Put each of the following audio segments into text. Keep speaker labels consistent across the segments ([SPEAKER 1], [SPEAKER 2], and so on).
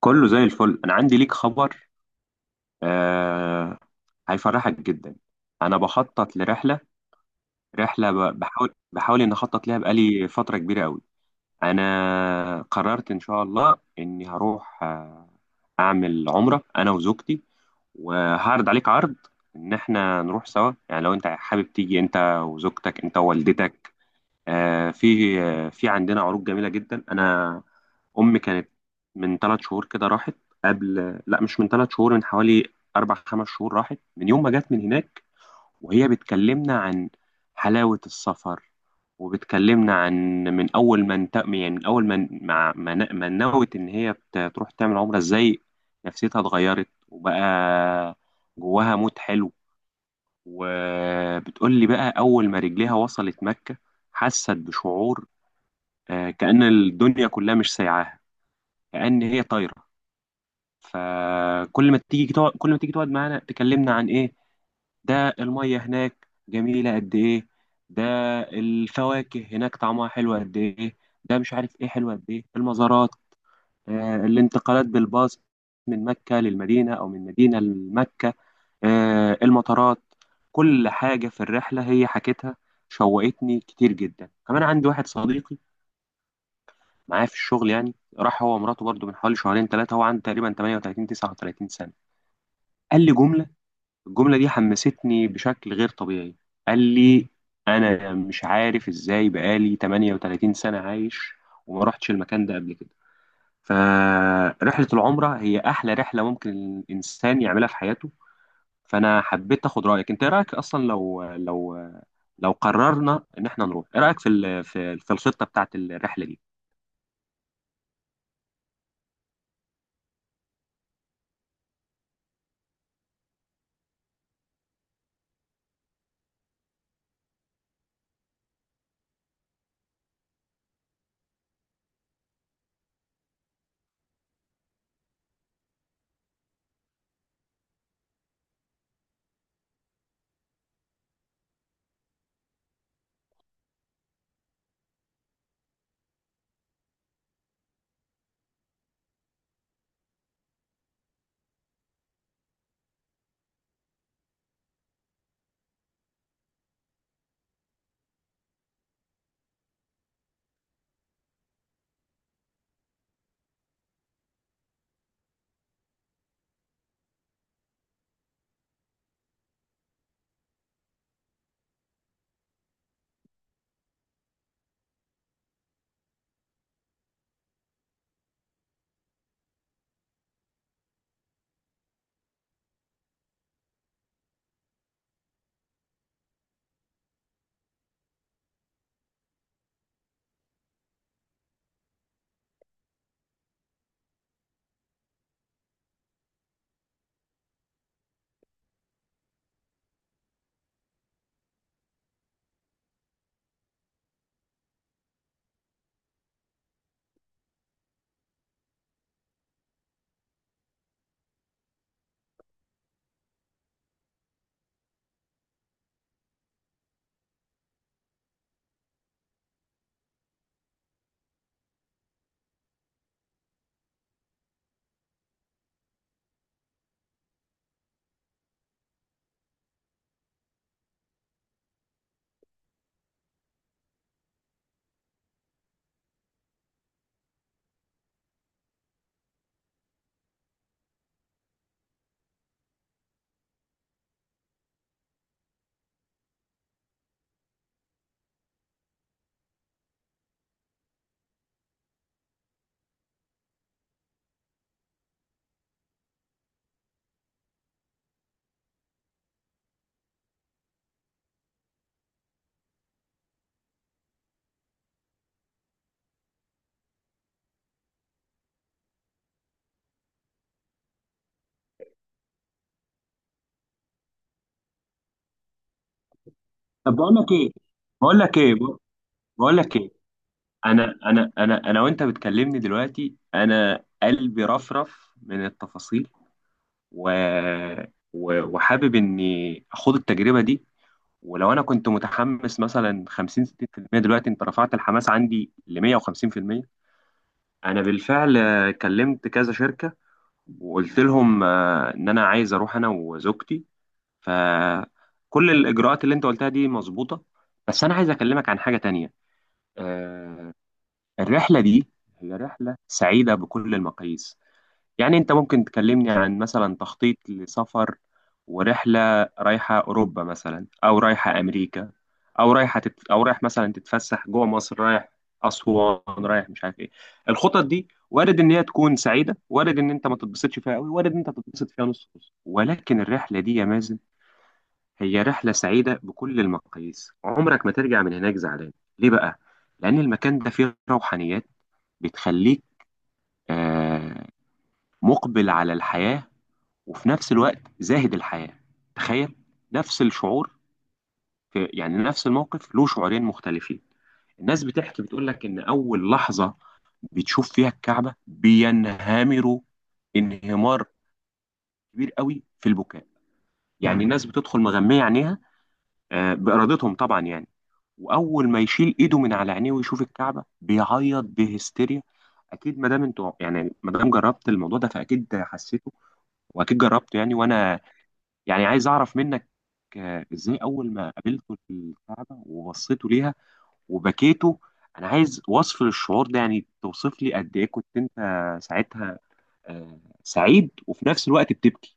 [SPEAKER 1] كله زي الفل. انا عندي ليك خبر آه هيفرحك جدا. انا بخطط لرحله، رحله بحاول ان اخطط لها بقالي فتره كبيره قوي. انا قررت ان شاء الله اني هروح اعمل عمره انا وزوجتي، وهعرض عليك عرض ان احنا نروح سوا. يعني لو انت حابب تيجي انت وزوجتك انت ووالدتك، في عندنا عروض جميله جدا. انا امي كانت من ثلاث شهور كده راحت، قبل، لا مش من ثلاث شهور، من حوالي اربع خمس شهور راحت. من يوم ما جت من هناك وهي بتكلمنا عن حلاوه السفر، وبتكلمنا عن من اول ما انت يعني من اول ما نوت ان هي تروح تعمل عمره ازاي نفسيتها اتغيرت، وبقى جواها مود حلو. وبتقول لي بقى اول ما رجليها وصلت مكه حست بشعور، كأن الدنيا كلها مش سايعاها، كأن هي طايرة. فكل ما تيجي تقعد، كل ما تيجي تقعد معانا تكلمنا عن ايه؟ ده المية هناك جميلة قد ايه، ده الفواكه هناك طعمها حلو قد ايه، ده مش عارف ايه حلو قد ايه المزارات، الانتقالات بالباص من مكة للمدينة أو من مدينة لمكة، المطارات، كل حاجة في الرحلة هي حكيتها. شوقتني كتير جدا. كمان عندي واحد صديقي معايا في الشغل، يعني راح هو ومراته برضو من حوالي شهرين ثلاثة. هو عنده تقريبا 38 39 سنة. قال لي جملة، الجملة دي حمستني بشكل غير طبيعي. قال لي أنا مش عارف إزاي بقالي 38 سنة عايش وما رحتش المكان ده قبل كده. فرحلة العمرة هي أحلى رحلة ممكن الإنسان يعملها في حياته. فأنا حبيت آخد رأيك أنت. إيه رأيك أصلا لو لو قررنا إن إحنا نروح؟ إيه رأيك في الخطة بتاعت الرحلة دي؟ طب بقول لك ايه، بقول لك ايه بقول لك ايه. انا وانت بتكلمني دلوقتي انا قلبي رفرف من التفاصيل، و... و... وحابب اني اخوض التجربه دي. ولو انا كنت متحمس مثلا 50 60% دلوقتي انت رفعت الحماس عندي ل 150%. انا بالفعل كلمت كذا شركه وقلت لهم ان انا عايز اروح انا وزوجتي. فكل الاجراءات اللي انت قلتها دي مظبوطه، بس انا عايز اكلمك عن حاجه تانية. آه، الرحلة دي هي رحلة سعيدة بكل المقاييس. يعني أنت ممكن تكلمني عن مثلا تخطيط لسفر ورحلة رايحة أوروبا مثلا، أو رايحة أمريكا، أو أو رايح مثلا تتفسح جوه مصر، رايح أسوان، رايح مش عارف إيه. الخطط دي وارد إن هي تكون سعيدة، وارد إن أنت ما تتبسطش فيها أوي، وارد إن أنت تتبسط فيها نص نص. ولكن الرحلة دي يا مازن هي رحلة سعيدة بكل المقاييس، عمرك ما ترجع من هناك زعلان. ليه بقى؟ لأن المكان ده فيه روحانيات بتخليك آه، مقبل على الحياة وفي نفس الوقت زاهد الحياة. تخيل، نفس الشعور في يعني نفس الموقف له شعورين مختلفين. الناس بتحكي بتقول لك إن أول لحظة بتشوف فيها الكعبة بينهمروا انهمار كبير قوي في البكاء. يعني الناس بتدخل مغمية عينيها، بإرادتهم طبعا يعني. واول ما يشيل ايده من على عينيه ويشوف الكعبه بيعيط بهستيريا. اكيد ما دام انتوا يعني ما دام جربت الموضوع ده فاكيد حسيته واكيد جربته، يعني وانا يعني عايز اعرف منك ازاي اول ما قابلته الكعبه وبصيته ليها وبكيته. انا عايز وصف للشعور ده، يعني توصف لي قد ايه كنت انت ساعتها سعيد وفي نفس الوقت بتبكي.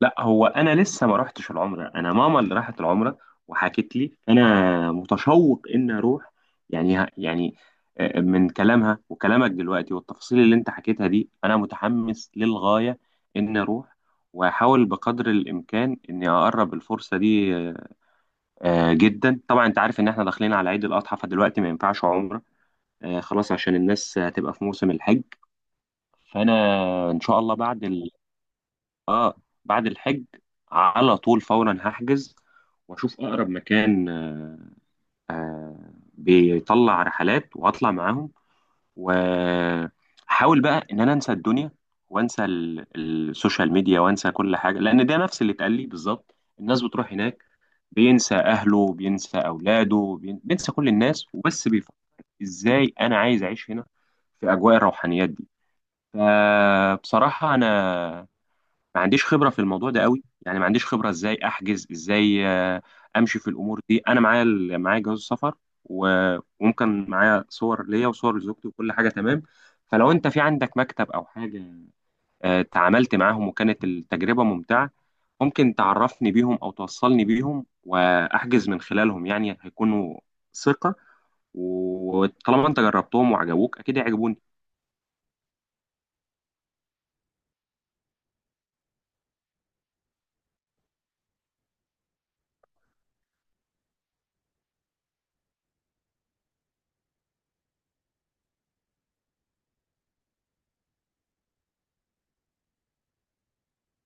[SPEAKER 1] لا هو انا لسه ما رحتش العمره، انا ماما اللي راحت العمره وحكت لي. انا متشوق ان اروح، يعني من كلامها وكلامك دلوقتي والتفاصيل اللي انت حكيتها دي انا متحمس للغايه ان اروح. واحاول بقدر الامكان اني اقرب الفرصه دي، جدا. طبعا انت عارف ان احنا داخلين على عيد الاضحى، فدلوقتي ما ينفعش عمره خلاص، عشان الناس هتبقى في موسم الحج. فانا ان شاء الله بعد، اه، بعد الحج على طول فورا هحجز واشوف اقرب مكان آه بيطلع رحلات وهطلع معاهم. واحاول بقى ان انا انسى الدنيا وانسى السوشيال ميديا وانسى كل حاجه، لان ده نفس اللي اتقال لي بالظبط. الناس بتروح هناك بينسى اهله بينسى اولاده بينسى كل الناس، وبس بيفكر ازاي انا عايز اعيش هنا في اجواء الروحانيات دي. فبصراحه انا ما عنديش خبرة في الموضوع ده قوي، يعني ما عنديش خبرة ازاي احجز، ازاي امشي في الامور دي. انا معايا معايا جواز السفر، و- وممكن معايا صور ليا وصور لزوجتي وكل حاجة تمام. فلو انت في عندك مكتب او حاجة تعاملت معاهم وكانت التجربة ممتعة، ممكن تعرفني بيهم او توصلني بيهم واحجز من خلالهم. يعني هيكونوا ثقة، وطالما انت جربتهم وعجبوك اكيد هيعجبوني.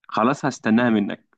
[SPEAKER 1] خلاص هستناها منك.